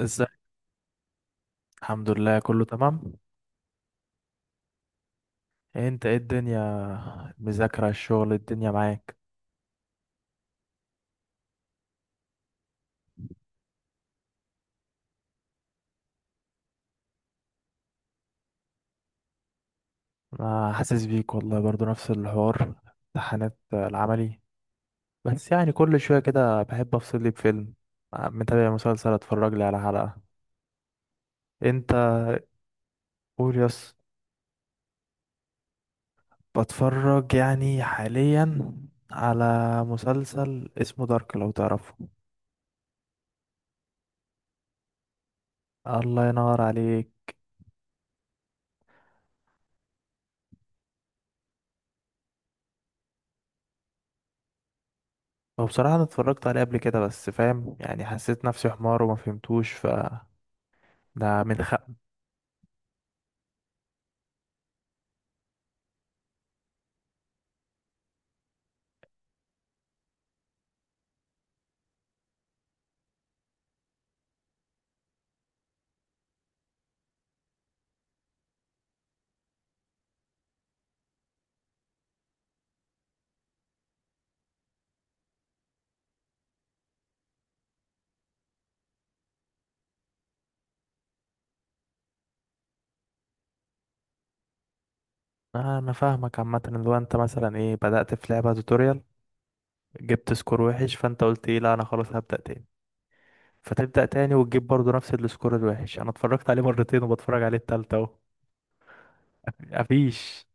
ازيك؟ الحمد لله، كله تمام. انت ايه الدنيا؟ المذاكرة، الشغل، الدنيا معاك؟ انا حاسس بيك والله، برضو نفس الحوار، امتحانات العملي. بس يعني كل شوية كده بحب افصل لي بفيلم، متابع مسلسل، اتفرج لي على حلقة. انت؟ قول يس. بتفرج يعني حاليا على مسلسل اسمه دارك، لو تعرفه. الله ينور عليك. هو بصراحة انا اتفرجت عليه قبل كده، بس فاهم يعني حسيت نفسي حمار وما فهمتوش، ف ده من حقي. انا فاهمك، عامه اللي هو انت مثلا ايه، بدأت في لعبه توتوريال، جبت سكور وحش، فانت قلت ايه، لا انا خلاص هبدأ تاني. فتبدأ تاني وتجيب برضو نفس السكور الوحش. انا اتفرجت عليه مرتين وبتفرج عليه التالتة اهو. مفيش.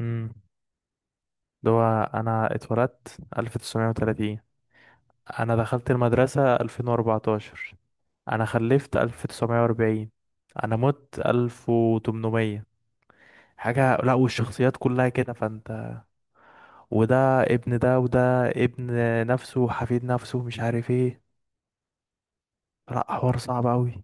امم اللي هو انا اتولدت 1930، انا دخلت المدرسه 2014، انا خلفت 1940، انا مت 1800. حاجه، لا، والشخصيات كلها كده، فانت وده ابن ده، وده ابن نفسه، حفيد نفسه، مش عارف ايه. لا، حوار صعب قوي.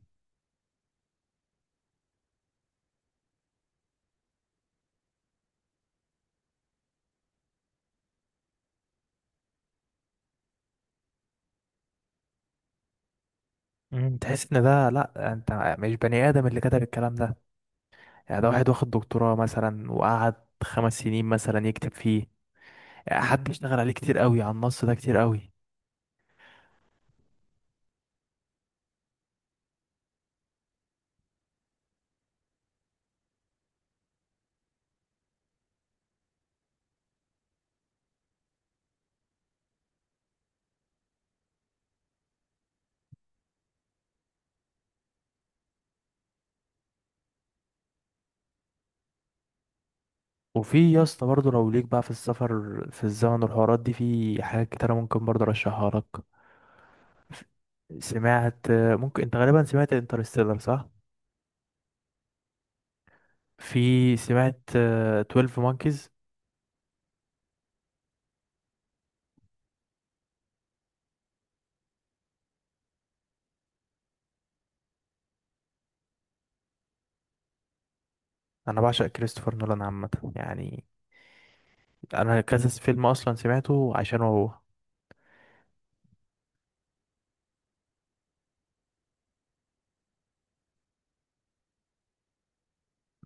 تحس ان ده، لا، انت مش بني ادم اللي كتب الكلام ده. يعني ده واحد واخد دكتوراه مثلا وقعد 5 سنين مثلا يكتب فيه. يعني حد اشتغل عليه كتير قوي، على النص ده كتير قوي. وفي يا اسطى برضه لو ليك بقى في السفر في الزمن والحوارات دي، في حاجات كتيرة ممكن برضه ارشحها لك. سمعت، ممكن انت غالبا سمعت انترستيلر، صح؟ في سمعت 12 مونكيز. انا بعشق كريستوفر نولان عامه، يعني انا كذا فيلم اصلا سمعته عشان هو.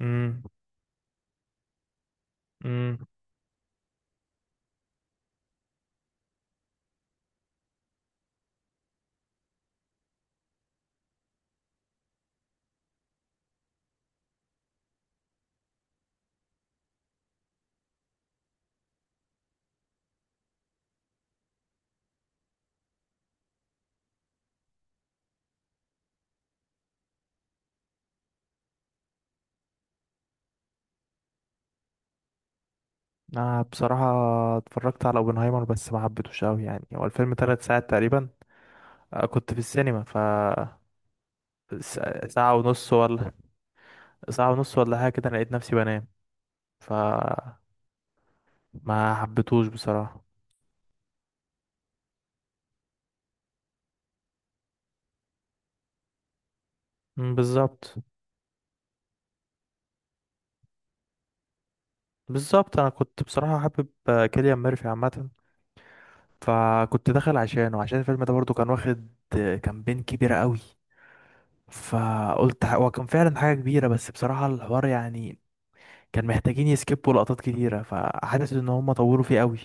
امم امم انا بصراحه اتفرجت على اوبنهايمر، بس ما حبيتهوش قوي، يعني هو الفيلم 3 ساعات تقريبا. كنت في السينما، ف ساعه ونص ولا ساعه ونص ولا حاجه كده، أنا لقيت نفسي بنام. ف ما حبيتهوش بصراحه. مم، بالظبط. بالظبط، انا كنت بصراحه حابب كيليان ميرفي عامه، فكنت داخل عشانه، عشان الفيلم ده برضو كان واخد كامبين كبيره قوي. فقلت، هو كان فعلا حاجة كبيرة، بس بصراحة الحوار يعني كان محتاجين يسكيبوا لقطات كتيرة، فحاسس ان هم طوروا فيه قوي.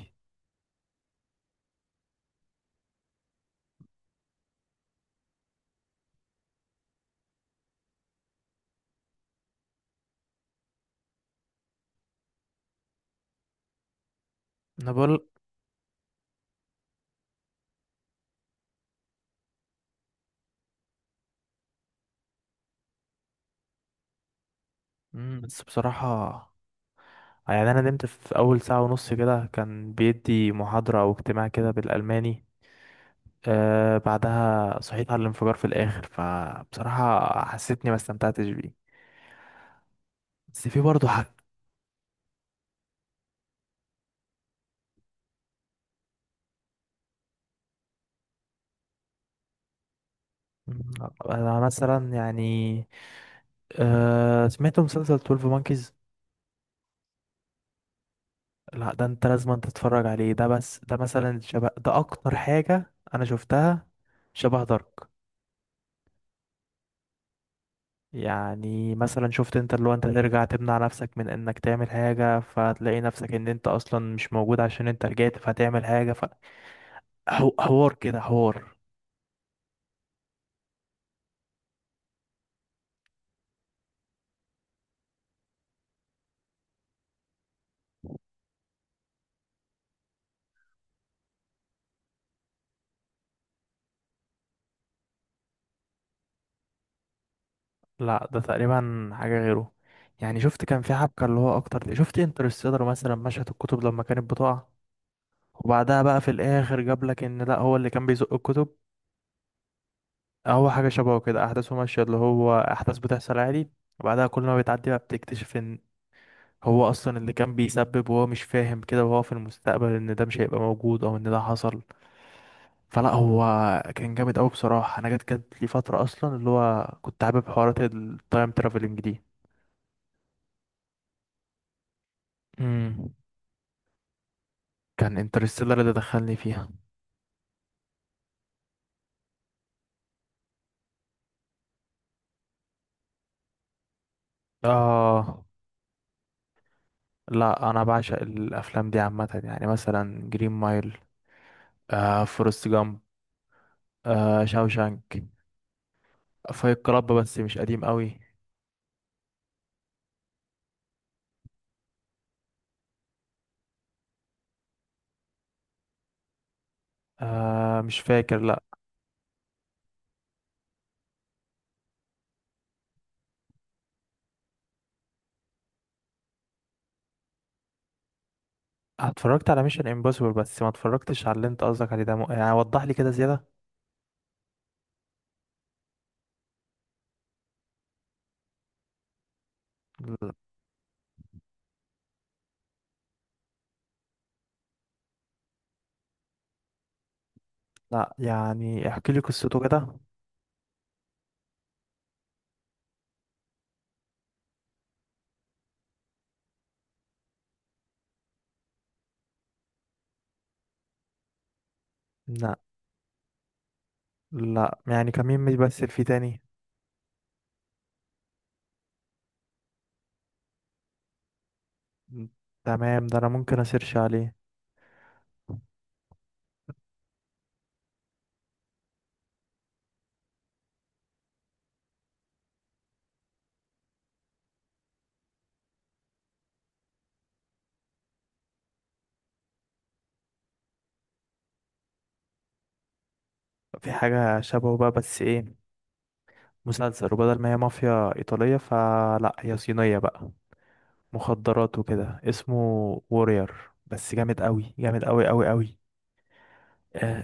انا بقول. بس بصراحة يعني انا نمت في اول ساعة ونص كده، كان بيدي محاضرة او اجتماع كده بالالماني. بعدها صحيت على الانفجار في الاخر، فبصراحة حسيتني ما استمتعتش بيه. بس في برضه حاجة. مم، انا مثلا يعني سمعت مسلسل 12 مونكيز. لا ده انت لازم أن تتفرج عليه ده، بس ده لا مثلا شبه ده اكتر حاجة انا شفتها، شبه دارك. يعني مثلا شفت انت اللي هو انت ترجع تمنع نفسك من انك تعمل حاجة، فتلاقي نفسك ان انت اصلا مش موجود عشان انت رجعت فتعمل حاجة. فحوار كده، حوار. لا ده تقريبا حاجة غيره. يعني شفت، كان في حبكة اللي هو اكتر، شفت انترستيلر مثلا مشهد الكتب لما كانت بتقع؟ وبعدها بقى في الاخر جاب لك ان لا، هو اللي كان بيزق الكتب. هو حاجة شبهه كده، أحداثه ماشية اللي هو أحداث بتحصل عادي، وبعدها كل ما بتعدي بقى بتكتشف إن هو أصلا اللي كان بيسبب، وهو مش فاهم كده، وهو في المستقبل إن ده مش هيبقى موجود أو إن ده حصل. فلا، هو كان جامد أوي بصراحة. أنا جت لي فترة أصلا اللي هو كنت حابب حوارات التايم ترافلنج دي. امم، كان انترستيلر اللي دخلني فيها. آه لا، أنا بعشق الأفلام دي عامة، يعني مثلا جرين مايل، فورست جامب، شاوشانك، فايت كلاب بس مش قديم قوي. مش فاكر، لا. اتفرجت على ميشن امبوسيبل، بس ما اتفرجتش على اللي انت قصدك عليه ده، يعني وضح لي كده زيادة. لا، يعني احكي لي قصته كده. لا، لا، يعني كان مين بيمثل فيه تاني؟ تمام، ده انا ممكن اسيرش عليه. في حاجة شبهه بقى بس ايه، مسلسل، وبدل ما هي مافيا ايطالية فلا هي صينية بقى، مخدرات وكده، اسمه وورير، بس جامد قوي، جامد قوي قوي قوي. آه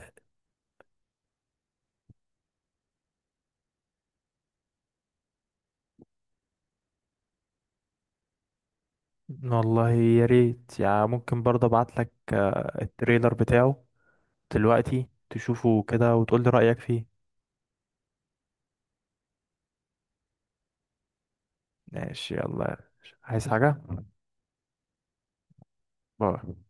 والله يا ريت، يعني ممكن برضه ابعت لك التريلر بتاعه دلوقتي، تشوفه كده وتقول لي رأيك فيه. ماشي، يلا. عايز حاجة؟ باي.